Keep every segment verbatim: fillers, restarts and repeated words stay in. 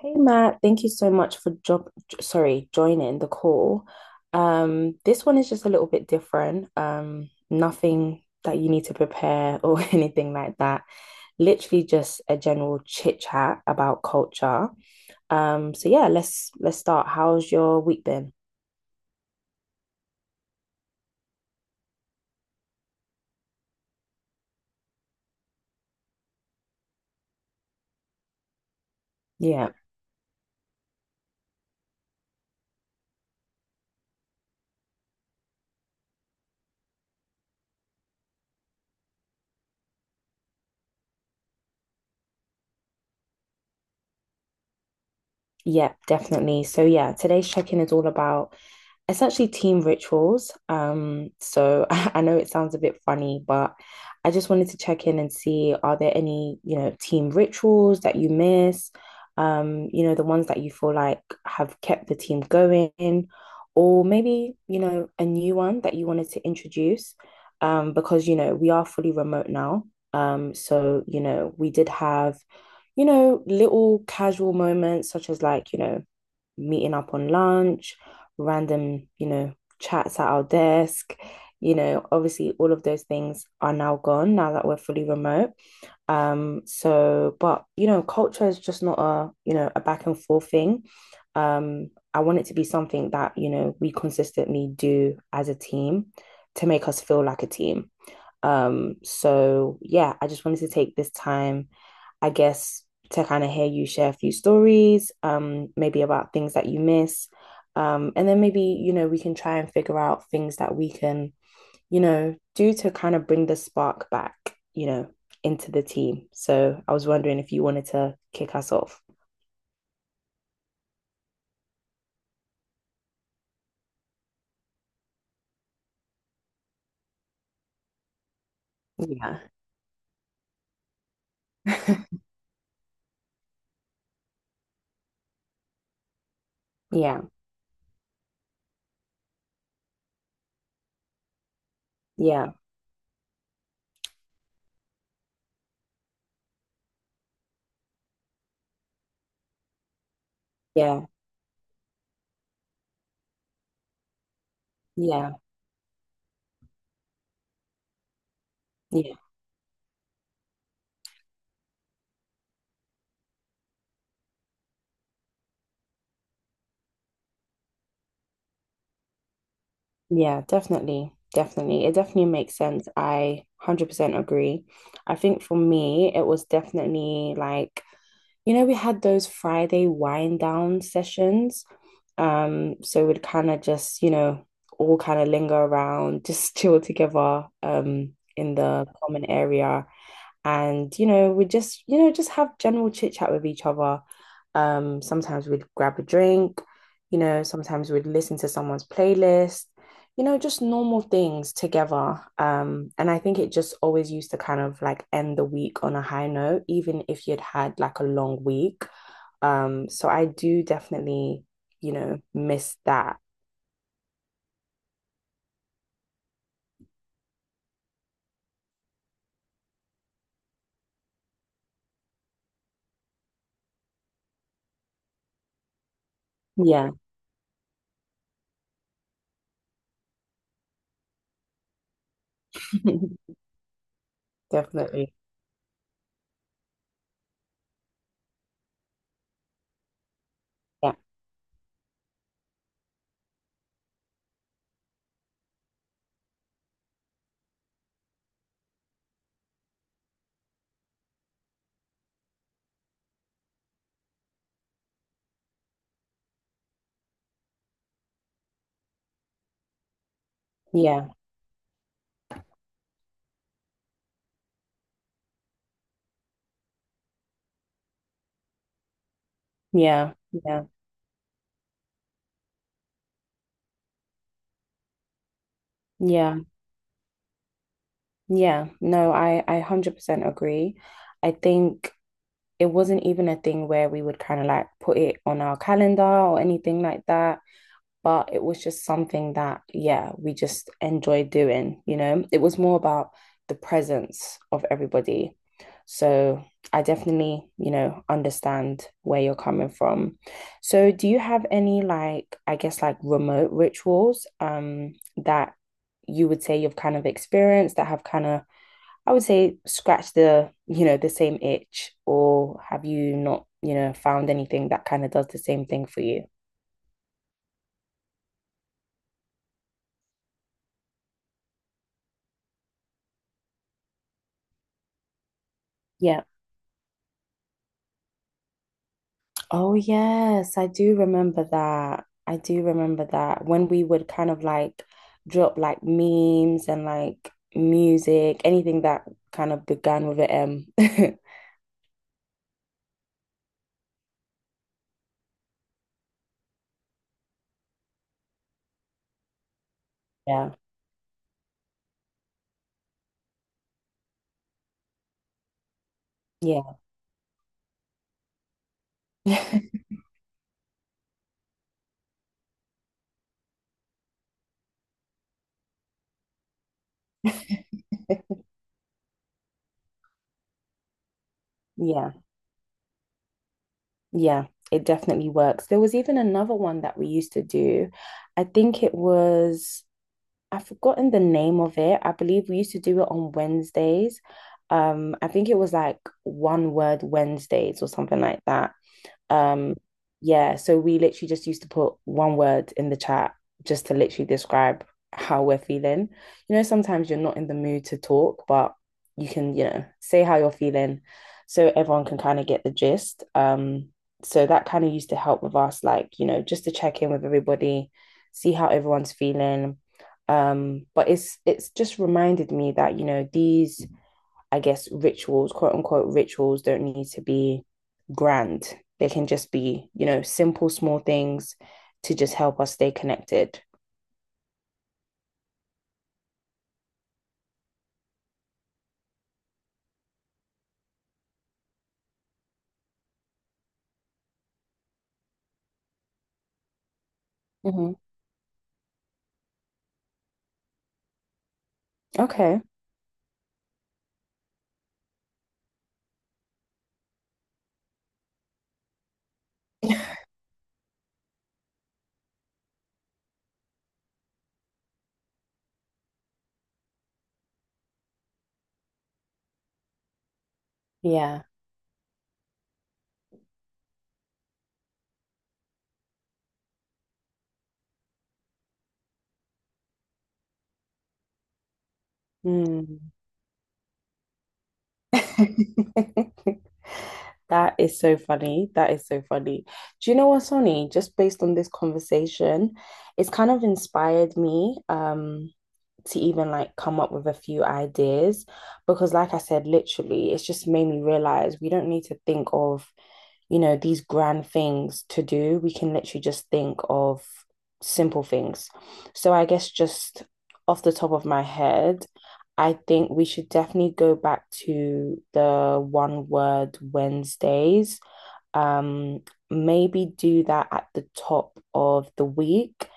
Hey Matt, thank you so much for job, sorry, joining the call. Um, this one is just a little bit different. Um, nothing that you need to prepare or anything like that. Literally just a general chit chat about culture. Um, so yeah, let's let's start. How's your week been? Yeah, yeah, definitely. So yeah, today's check-in is all about essentially team rituals. Um, so I, I know it sounds a bit funny, but I just wanted to check in and see are there any, you know, team rituals that you miss? Um, you know, the ones that you feel like have kept the team going, or maybe, you know, a new one that you wanted to introduce. Um, because, you know, we are fully remote now. Um, so, you know, we did have you know, little casual moments such as like, you know, meeting up on lunch, random, you know, chats at our desk. You know, obviously, all of those things are now gone now that we're fully remote. Um, so, but you know, culture is just not a you know a back and forth thing. Um, I want it to be something that you know we consistently do as a team to make us feel like a team. Um, so yeah, I just wanted to take this time I guess, to kind of hear you share a few stories, um, maybe about things that you miss. Um, and then maybe, you know, we can try and figure out things that we can, you know, do to kind of bring the spark back, you know, into the team. So I was wondering if you wanted to kick us off. Yeah. Yeah. Yeah. Yeah. Yeah. Yeah. Yeah, definitely. Definitely. It definitely makes sense. I one hundred percent agree. I think for me, it was definitely like you know, we had those Friday wind down sessions. Um, so we'd kind of just, you know, all kind of linger around, just chill together, um, in the common area and you know we just you know just have general chit chat with each other um sometimes we'd grab a drink, you know, sometimes we'd listen to someone's playlist, you know, just normal things together. Um and I think it just always used to kind of like end the week on a high note even if you'd had like a long week. Um so I do definitely, you know, miss that. Yeah. Definitely. Yeah, yeah, yeah, yeah, yeah. Yeah, no, I I one hundred percent agree. I think it wasn't even a thing where we would kind of like put it on our calendar or anything like that, but it was just something that yeah, we just enjoyed doing, you know. It was more about the presence of everybody. So, I definitely, you know, understand where you're coming from. So, do you have any like I guess like remote rituals um that you would say you've kind of experienced that have kind of I would say scratch the, you know, the same itch, or have you not, you know, found anything that kind of does the same thing for you? Yeah. Oh, yes, I do remember that. I do remember that when we would kind of like drop like memes and like music, anything that kind of began with an M. Yeah. Yeah. Yeah, yeah, it definitely works. There was even another one that we used to do. I think it was I've forgotten the name of it. I believe we used to do it on Wednesdays. Um, I think it was like one word Wednesdays or something like that. Um, yeah, so we literally just used to put one word in the chat just to literally describe how we're feeling. You know, sometimes you're not in the mood to talk, but you can, you know, say how you're feeling so everyone can kind of get the gist. Um, so that kind of used to help with us, like, you know, just to check in with everybody, see how everyone's feeling. Um, but it's it's just reminded me that, you know, these I guess rituals, quote unquote rituals, don't need to be grand. They can just be, you know, simple, small things to just help us stay connected. Mm-hmm. Okay. Yeah. Mm. That is so funny. That is so funny. Do you know what, Sonny? Just based on this conversation, it's kind of inspired me um to even like come up with a few ideas because like I said, literally, it's just made me realize we don't need to think of you know, these grand things to do, we can literally just think of simple things. So I guess just off the top of my head, I think we should definitely go back to the one word Wednesdays. Um, Maybe do that at the top of the week.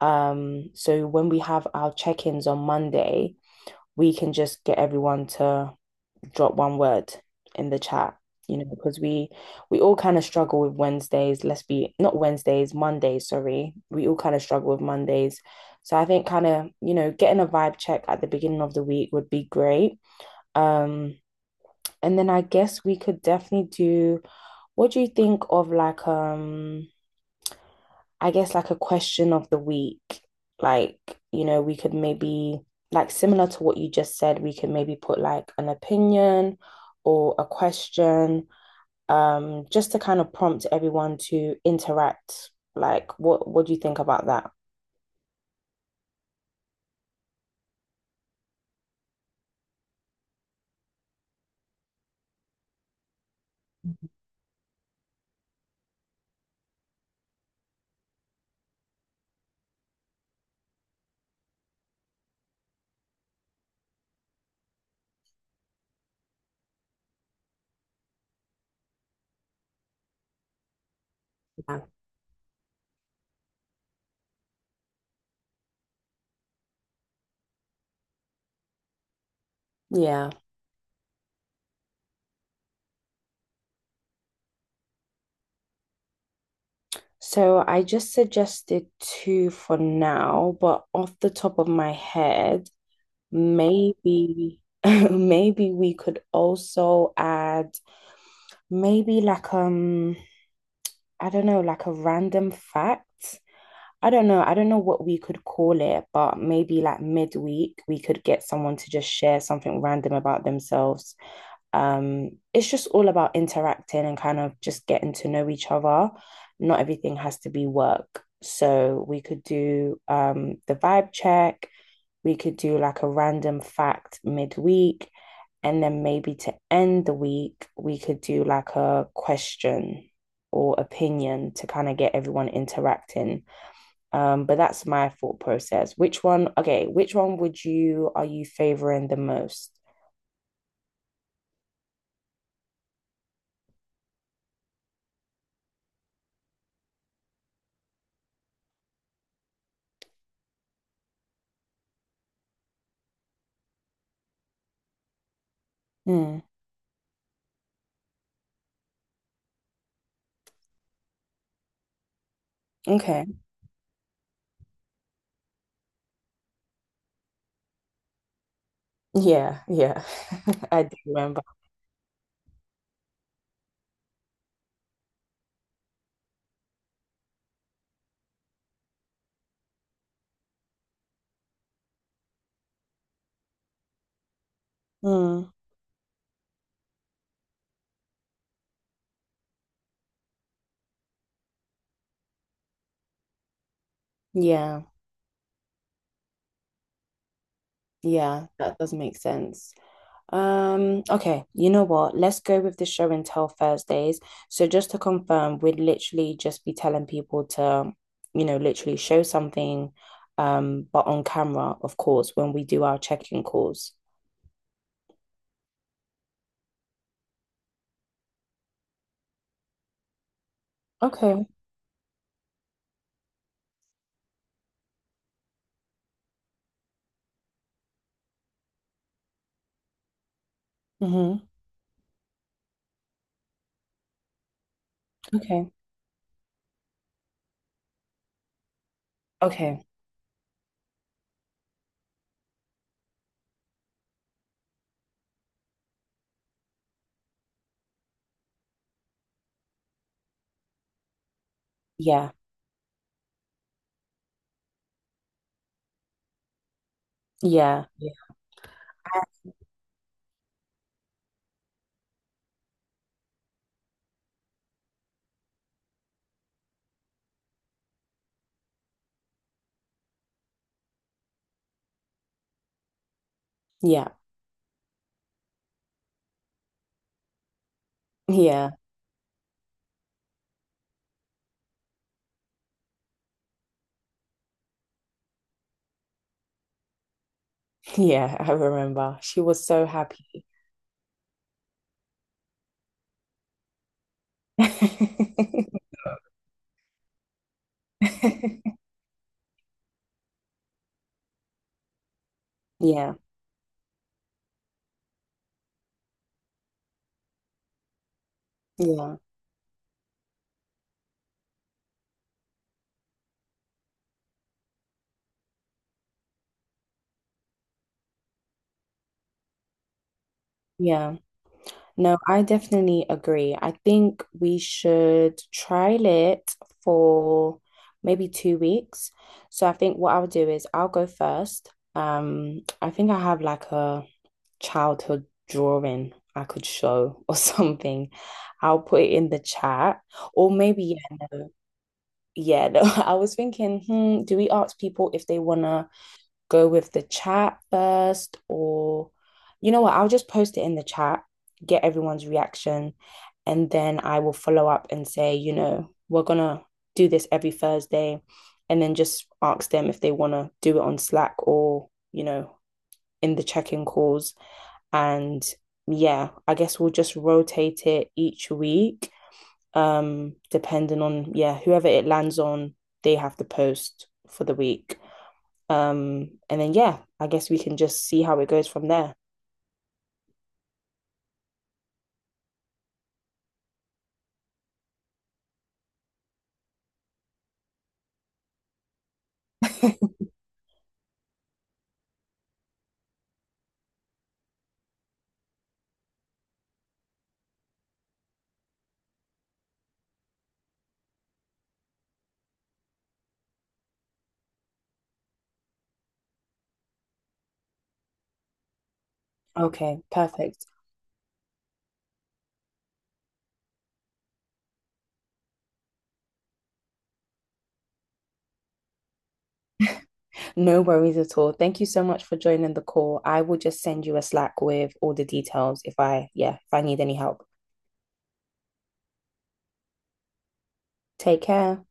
Um, so when we have our check-ins on Monday, we can just get everyone to drop one word in the chat you know because we we all kind of struggle with Wednesdays, let's be not Wednesdays, Mondays, sorry, we all kind of struggle with Mondays. So I think kind of you know getting a vibe check at the beginning of the week would be great. um and then I guess we could definitely do, what do you think of like um I guess like a question of the week, like, you know, we could maybe like similar to what you just said, we could maybe put like an opinion or a question, um, just to kind of prompt everyone to interact. Like, what what do you think about that? Yeah. Yeah. So I just suggested two for now, but off the top of my head, maybe maybe we could also add maybe like um I don't know, like a random fact. I don't know. I don't know what we could call it, but maybe like midweek, we could get someone to just share something random about themselves. Um, it's just all about interacting and kind of just getting to know each other. Not everything has to be work. So we could do um, the vibe check, we could do like a random fact midweek. And then maybe to end the week, we could do like a question or opinion to kind of get everyone interacting. Um, but that's my thought process. Which one, okay, which one would you, are you favoring the most? Hmm. Okay. Yeah, yeah. I do remember. Hmm. Yeah, yeah, that does make sense. Um, okay, you know what? Let's go with the show and tell Thursdays. So just to confirm, we'd literally just be telling people to, you know, literally show something, um, but on camera, of course, when we do our check-in calls. Okay. Mm-hmm. Okay. Okay. Yeah. Yeah. Yeah. Yeah. Yeah. Yeah. I remember. She was so happy. Yeah. Yeah. Yeah. No, I definitely agree. I think we should trial it for maybe two weeks. So I think what I'll do is I'll go first. Um, I think I have like a childhood drawing I could show or something. I'll put it in the chat. Or maybe, yeah, no. Yeah, no. I was thinking, hmm, do we ask people if they wanna go with the chat first, or you know what? I'll just post it in the chat, get everyone's reaction, and then I will follow up and say, you know, we're gonna do this every Thursday, and then just ask them if they want to do it on Slack or, you know, in the check in calls. And yeah, I guess we'll just rotate it each week, um, depending on, yeah, whoever it lands on, they have to post for the week. Um, and then yeah, I guess we can just see how it goes from there. Okay, perfect. No worries at all. Thank you so much for joining the call. I will just send you a Slack with all the details if I, yeah, if I need any help. Take care.